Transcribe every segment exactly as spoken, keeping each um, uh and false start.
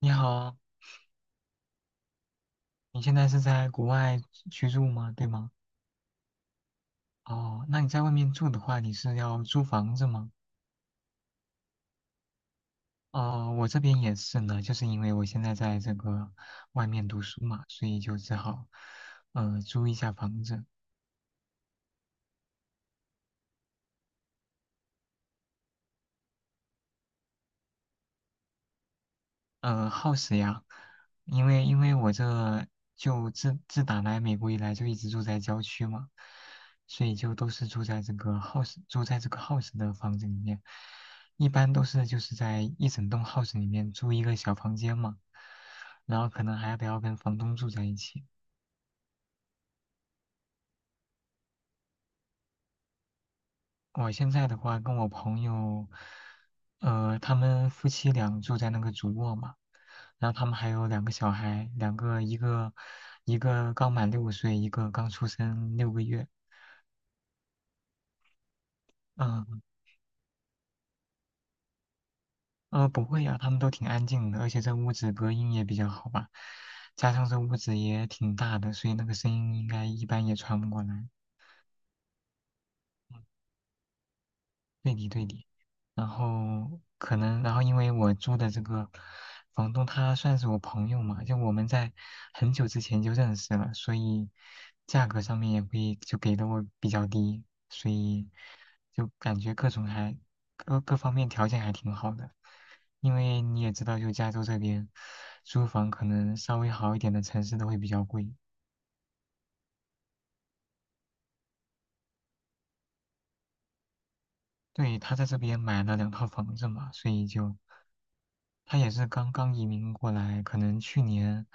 你好，你现在是在国外居住吗？对吗？哦，那你在外面住的话，你是要租房子吗？哦，我这边也是呢，就是因为我现在在这个外面读书嘛，所以就只好呃租一下房子。呃，house 呀，因为因为我这就自自打来美国以来就一直住在郊区嘛，所以就都是住在这个 house 住在这个 house 的房子里面，一般都是就是在一整栋 house 里面租一个小房间嘛，然后可能还得要跟房东住在一起。我现在的话，跟我朋友，呃，他们夫妻俩住在那个主卧嘛，然后他们还有两个小孩，两个一个一个刚满六岁，一个刚出生六个月。嗯。呃，不会呀、他们都挺安静的，而且这屋子隔音也比较好吧，加上这屋子也挺大的，所以那个声音应该一般也传不过来。对的对的。然后可能，然后因为我租的这个房东他算是我朋友嘛，就我们在很久之前就认识了，所以价格上面也会就给的我比较低，所以就感觉各种还各各方面条件还挺好的。因为你也知道，就加州这边租房可能稍微好一点的城市都会比较贵。对，他在这边买了两套房子嘛，所以就。他也是刚刚移民过来，可能去年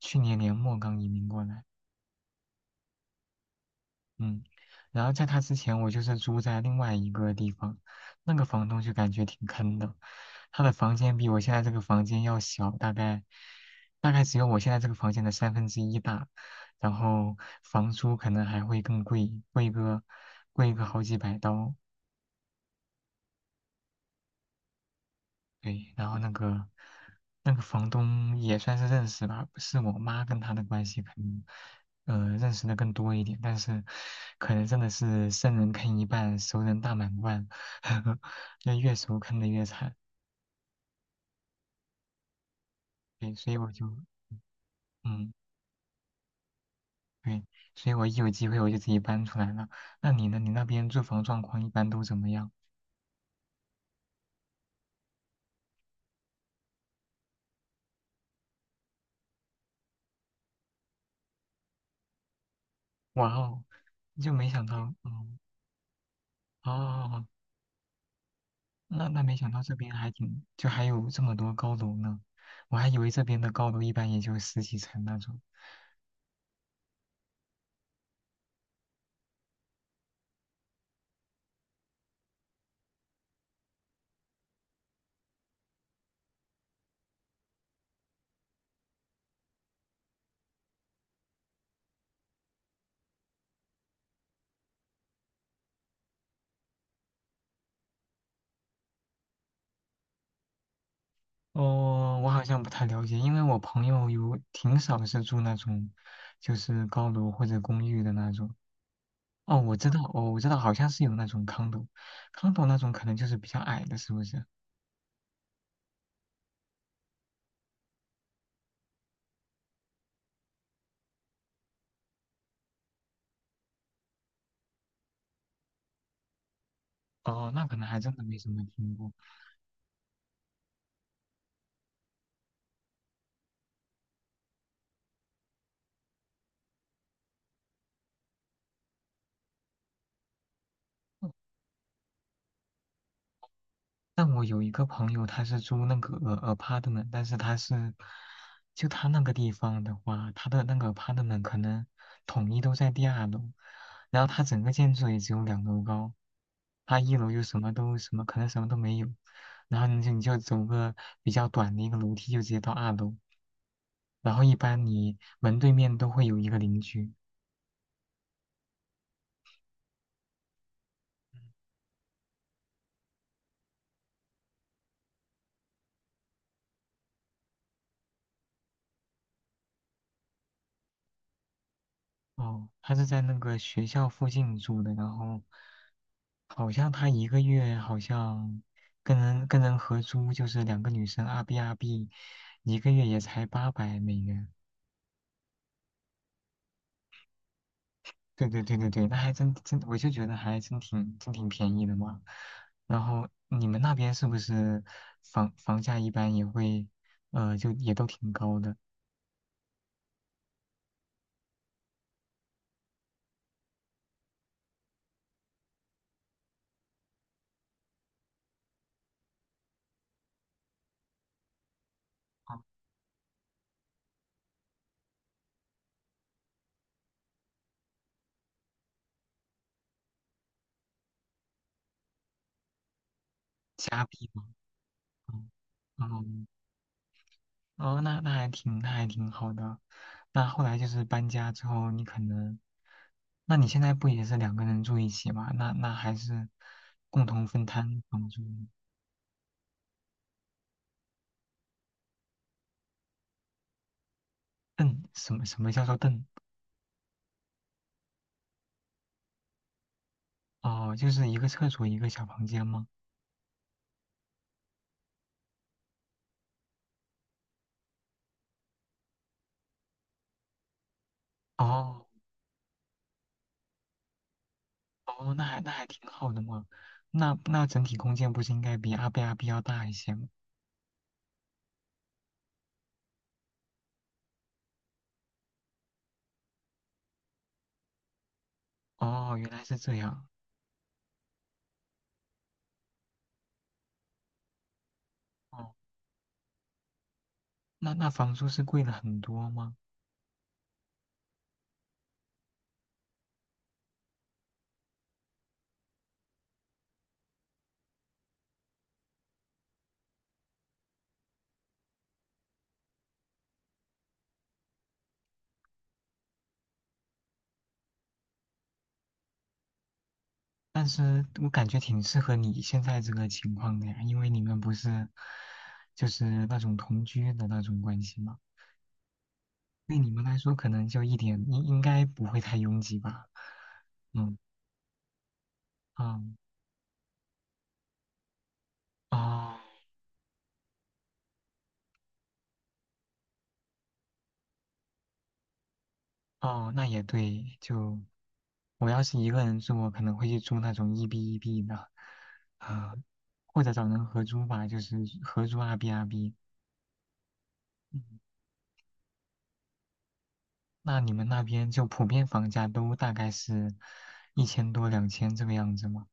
去年年末刚移民过来，嗯，然后在他之前，我就是住在另外一个地方，那个房东就感觉挺坑的，他的房间比我现在这个房间要小，大概大概只有我现在这个房间的三分之一大，然后房租可能还会更贵，贵个贵个好几百刀，对，然后那个那个房东也算是认识吧，是我妈跟他的关系可能，呃，认识的更多一点，但是可能真的是生人坑一半，熟人大满贯，呵那越熟坑的越惨。对，所以我就，嗯，对，所以我一有机会我就自己搬出来了。那你呢？你那边住房状况一般都怎么样？哇哦，就没想到，嗯，哦，哦哦，那那没想到这边还挺，就还有这么多高楼呢。我还以为这边的高楼一般也就十几层那种。哦，我好像不太了解，因为我朋友有挺少是住那种，就是高楼或者公寓的那种。哦，我知道，哦，我知道，好像是有那种 condo，condo 那种可能就是比较矮的，是不是？哦，那可能还真的没怎么听过。但我有一个朋友，他是租那个 a- apartment，但是他是，就他那个地方的话，他的那个 apartment 可能统一都在第二楼，然后他整个建筑也只有两楼高，他一楼就什么都什么，可能什么都没有，然后你就你就走个比较短的一个楼梯就直接到二楼，然后一般你门对面都会有一个邻居，哦，他是在那个学校附近住的，然后好像他一个月好像跟人跟人合租，就是两个女生阿 B 阿 B，一个月也才八百美元。对对对对对，那还真真，我就觉得还真挺真挺便宜的嘛。然后你们那边是不是房房价一般也会呃就也都挺高的，加币吗？嗯，哦哦，那那还挺那还挺好的。那后来就是搬家之后，你可能，那你现在不也是两个人住一起吗？那那还是共同分摊房租。嗯，什么什么叫做凳？哦，就是一个厕所一个小房间吗？哦哦，那还那还挺好的嘛。那那整体空间不是应该比阿贝阿 B 要大一些吗？哦，原来是这样。哦，那那房租是贵了很多吗？但是我感觉挺适合你现在这个情况的呀，因为你们不是就是那种同居的那种关系嘛，对你们来说可能就一点应应该不会太拥挤吧。嗯嗯，哦哦，那也对，就我要是一个人住，我可能会去住那种一 B 一 B 的，啊、或者找人合租吧，就是合租二 B 二 B。嗯，那你们那边就普遍房价都大概是一千多、两千这个样子吗？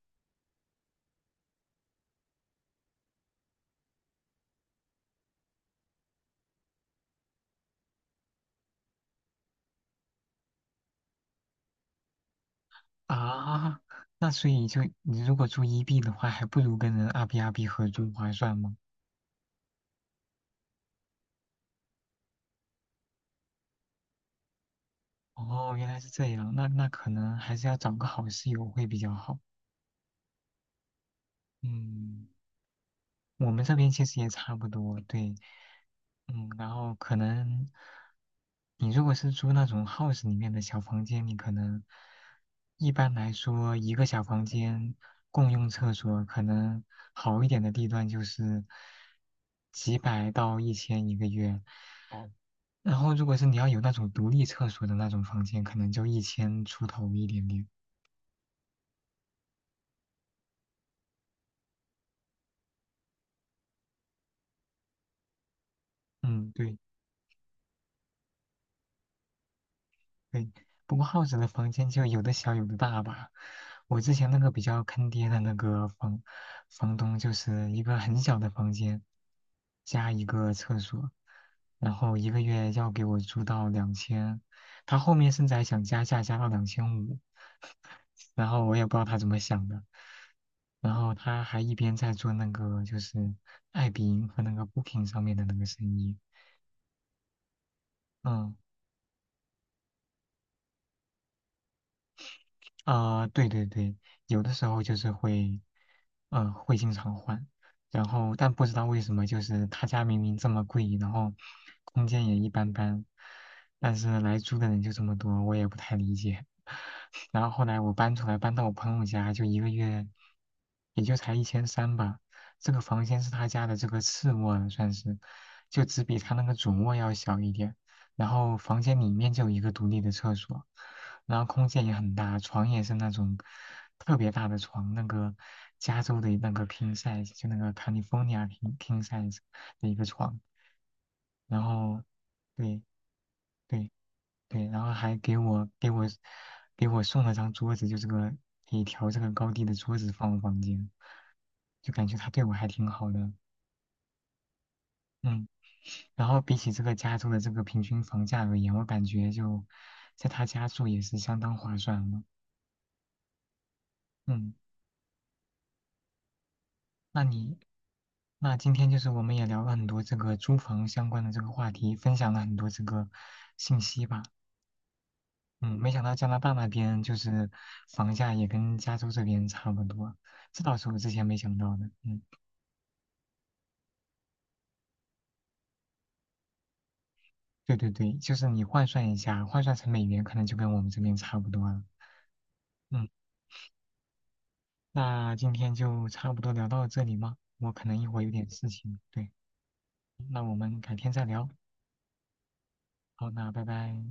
啊，那所以就你如果住 E B 的话，还不如跟人二 B 二 B 合租划算吗？哦，原来是这样，那那可能还是要找个好室友会比较好。嗯，我们这边其实也差不多，对，嗯，然后可能你如果是租那种 house 里面的小房间，你可能一般来说一个小房间共用厕所，可能好一点的地段就是几百到一千一个月。然后如果是你要有那种独立厕所的那种房间，可能就一千出头一点点。嗯，对。对，不过耗子的房间就有的小有的大吧。我之前那个比较坑爹的那个房房东，就是一个很小的房间加一个厕所，然后一个月要给我租到两千，他后面甚至还想加价加到两千五。然后我也不知道他怎么想的。然后他还一边在做那个就是爱彼迎和那个 Booking 上面的那个生意，嗯。啊、对对对，有的时候就是会，呃，会经常换，然后但不知道为什么，就是他家明明这么贵，然后空间也一般般，但是来租的人就这么多，我也不太理解。然后后来我搬出来，搬到我朋友家，就一个月也就才一千三吧。这个房间是他家的这个次卧了算是，就只比他那个主卧要小一点。然后房间里面就有一个独立的厕所。然后空间也很大，床也是那种特别大的床，那个加州的那个 king size，就那个 California king king size 的一个床，然后对对对，然后还给我给我给我送了张桌子，就这个可以调这个高低的桌子放我房间，就感觉他对我还挺好的，嗯。然后比起这个加州的这个平均房价而言，我感觉就在他家住也是相当划算了。嗯。那你，那今天就是我们也聊了很多这个租房相关的这个话题，分享了很多这个信息吧。嗯，没想到加拿大那边就是房价也跟加州这边差不多，这倒是我之前没想到的。嗯，对对对，就是你换算一下，换算成美元可能就跟我们这边差不多了。嗯，那今天就差不多聊到这里吗？我可能一会儿有点事情，对，那我们改天再聊。好，那拜拜。